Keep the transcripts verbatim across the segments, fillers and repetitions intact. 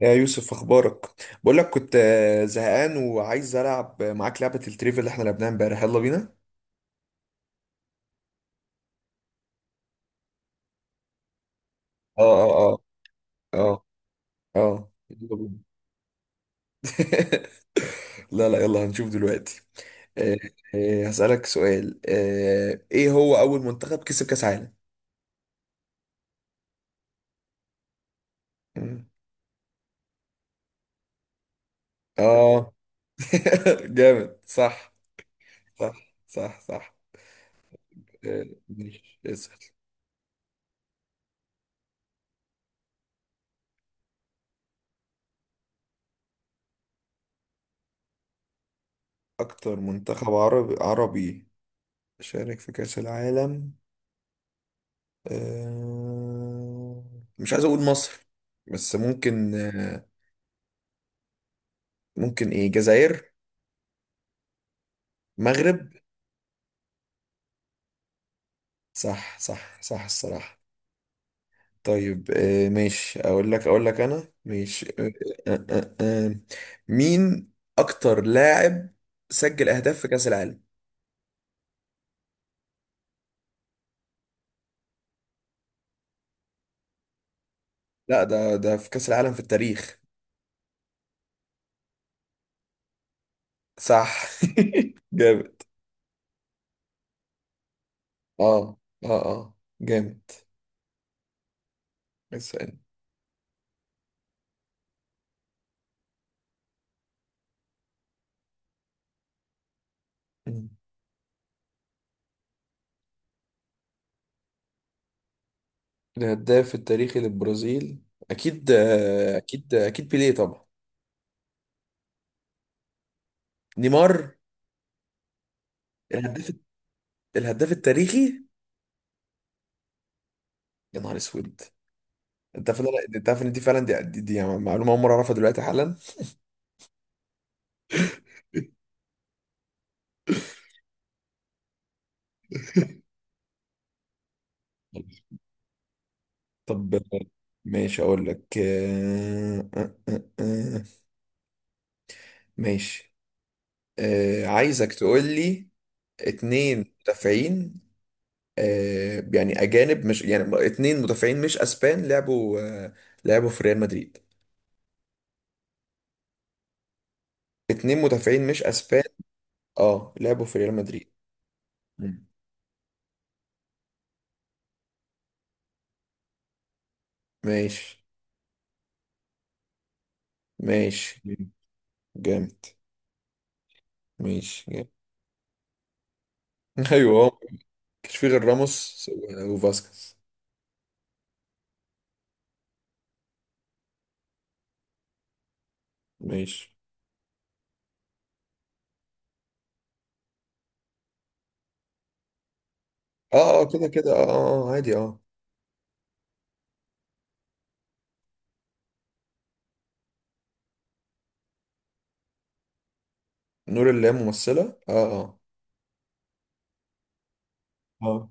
يا يوسف، اخبارك؟ بقول لك كنت آه، زهقان وعايز العب معاك لعبه التريفيا اللي احنا لعبناها امبارح. يلا بينا. اه اه اه اه اه، يلا بينا. لا لا، يلا هنشوف دلوقتي. آه، آه، هسألك سؤال، آه، ايه هو اول منتخب كسب كاس عالم؟ مم. اه. جامد صح. صح صح صح. آه، ماشي، اسأل. اكتر منتخب عربي عربي شارك في كاس العالم. آه، مش عايز اقول مصر، بس ممكن. آه، ممكن ايه، جزائر. مغرب. صح صح صح الصراحة. طيب، آه، ماشي، اقول لك اقول لك انا، ماشي. آه، آه، آه، آه. آه. مين اكتر لاعب سجل اهداف في كأس العالم؟ لا، ده ده في كأس العالم في التاريخ. صح. جامد. اه اه اه، جامد. اسأل. الهداف التاريخي للبرازيل؟ اكيد، آه، اكيد، آه، اكيد بيليه طبعا. نيمار. الهداف الهداف التاريخي. يا نهار اسود. انت عارف إن أنا- انت عارف ان دي فعلا، دي, دي, دي يعني معلومه اول مره اعرفها دلوقتي حالا. طب ماشي، اقول لك آه، آه، آه، آه، ماشي. آه، عايزك تقول لي اتنين مدافعين، آه، يعني اجانب، مش يعني اتنين مدافعين مش اسبان لعبوا، آه، لعبوا في ريال مدريد. اتنين مدافعين مش اسبان، اه لعبوا في ريال مدريد. مم. ماشي. ماشي، مم. جامد. ماشي، جامد. ايوه، هو مكانش فيه غير راموس و- وفاسكيز. ماشي. اه اه كده كده، اه اه، آه، عادي، اه. نور اللي هي ممثلة، اه. اه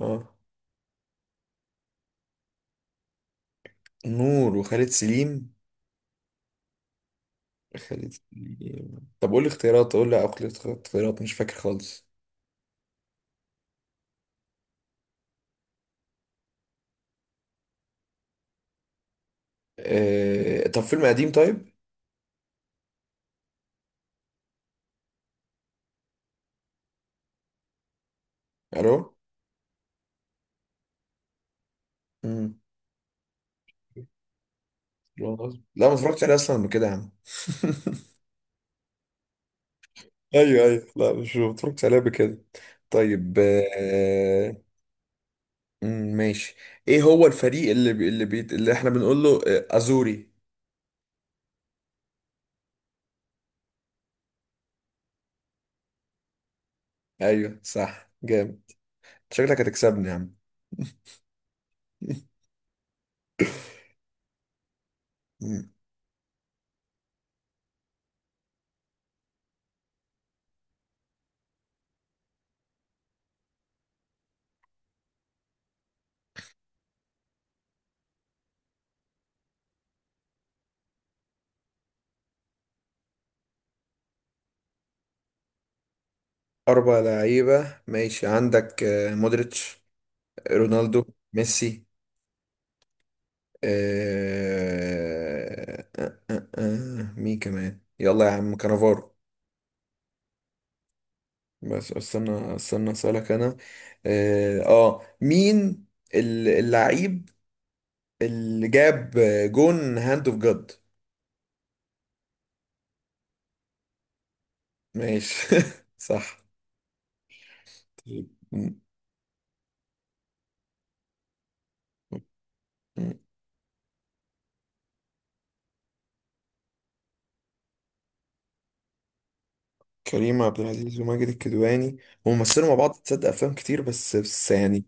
اه اه، نور وخالد سليم. خالد سليم. طب قول لي اختيارات، قول لي، اقول لي اختيارات، مش فاكر خالص. آه... طب فيلم قديم، طيب. الو. مم. لا، ما اتفرجتش عليه اصلا قبل كده يا عم. ايوه ايوه، لا، مش ما بتفرجش عليها بكده. طيب. آه... مم، ماشي. ايه هو الفريق اللي بي... اللي بي... اللي احنا بنقول له آه، ازوري؟ ايوه صح، جامد. شكلك هتكسبني يا عم. مم. اربع لعيبة، ماشي. عندك آه، مودريتش، رونالدو، ميسي، آه... آه... آه... آه... مين كمان؟ يلا يا عم، كانافارو. بس استنى استنى، اسالك انا. اه، آه، مين ال- اللعيب اللي جاب جون هاند اوف جاد؟ ماشي. صح. م- م- كريم عبد العزيز وماجد الكدواني، هم مثلوا مع بعض، تصدق افلام كتير، بس بس يعني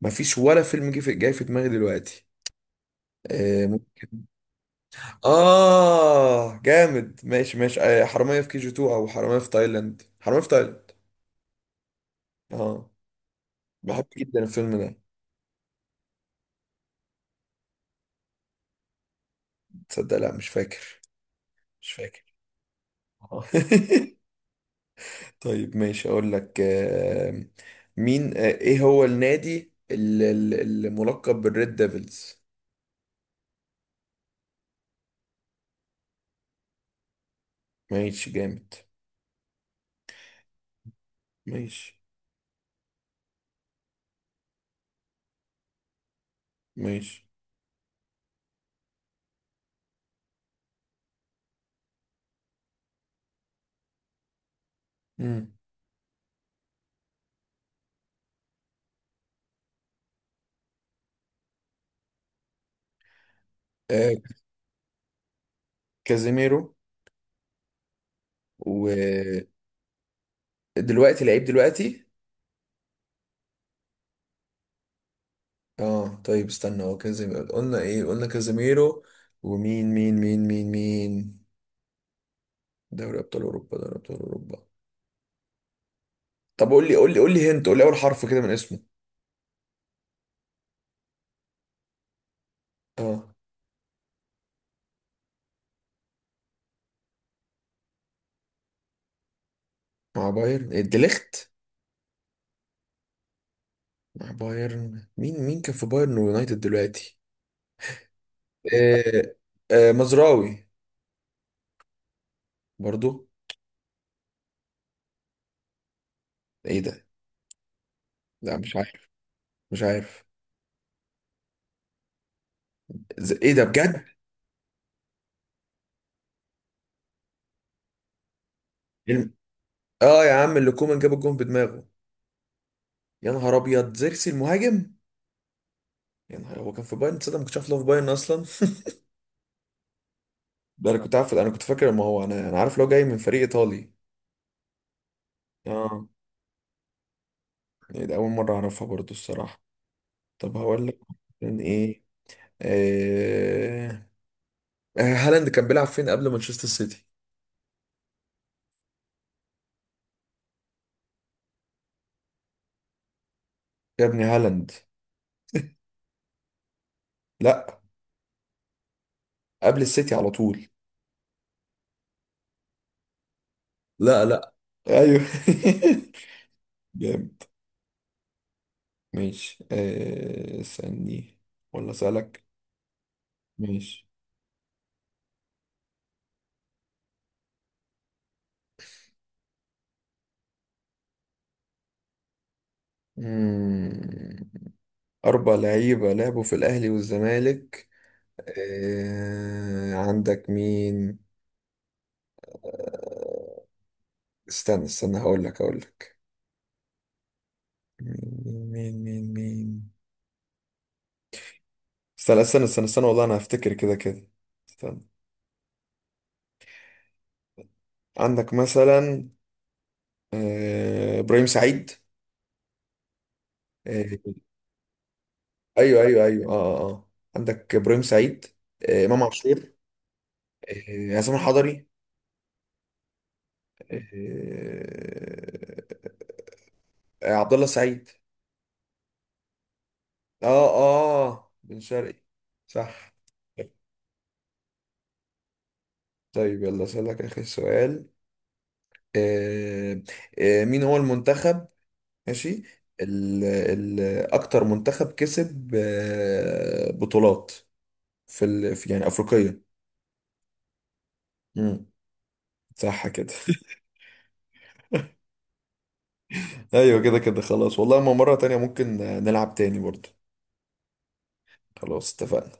ما فيش ولا فيلم جه في جاي في دماغي دلوقتي. آه م- آه، جامد، ماشي ماشي، آه، حرامية في كي جي اتنين او حرامية في تايلاند، حرامية في تايلاند. اه، بحب جدا الفيلم ده. تصدق، لا مش فاكر، مش فاكر. آه. طيب، ماشي، اقول لك آه، مين، آه، ايه هو النادي ال- ال- الملقب بالريد ديفلز؟ ماشي، جامد. ماشي ماشي. مم. آه كازيميرو. ودلوقتي، لعيب دلوقتي، اه. طيب استنى، هو كازيميرو قلنا، ايه قلنا، كازيميرو. ومين مين مين مين مين؟ دوري ابطال اوروبا، دوري ابطال اوروبا. طب قول لي قول لي قول لي، هنت قول لي اول حرف كده من اسمه. اه، مع بايرن، إيه، ديليخت؟ مع بايرن مين مين كان في بايرن ويونايتد دلوقتي؟ آه آه مزراوي، برضو. ايه ده. لا مش عارف، مش عارف. ز- ايه ده بجد؟ الم- اه يا عم، اللي كومان جاب الجون بدماغه. يا نهار ابيض، زيركسي المهاجم. يا نهار، هو كان في بايرن تصدق؟ ما كنتش عارف إن هو في بايرن اصلا. ده انا كنت عارف، انا كنت فاكر، ما هو انا انا عارف لو جاي من فريق ايطالي. اه. إيه ده، اول مره اعرفها برضو الصراحه. طب هقول لك كان ايه. آه... آه، هالاند كان بيلعب فين قبل مانشستر سيتي؟ يا ابني هالاند. لا، قبل السيتي على طول. لا لا. ايوه. جامد. ماشي، آه، استني، ولا اسالك؟ ماشي. مم. اربع لعيبه لعبوا في الاهلي والزمالك. آه، عندك مين؟ استنى استنى، هقول لك هقول لك مين مين مين مين استنى استنى استنى استنى، والله انا هفتكر كده كده. استنى. عندك مثلا آه، ابراهيم سعيد، آه، ايوه ايوه ايوه، اه اه آه. عندك ابراهيم سعيد، آه، امام اه عاشور، آه، عصام الحضري، آه، آه، عبد الله سعيد. اه، اه بن شرقي. صح. طيب يلا اسالك اخر سؤال، آه، آه، مين هو المنتخب، ماشي، ال ال اكتر منتخب كسب آه، بطولات في ال في يعني افريقيه؟ مم، صح كده. ايوه كده كده، خلاص والله، ما مره تانية ممكن نلعب تاني برضه. خلاص اتفقنا.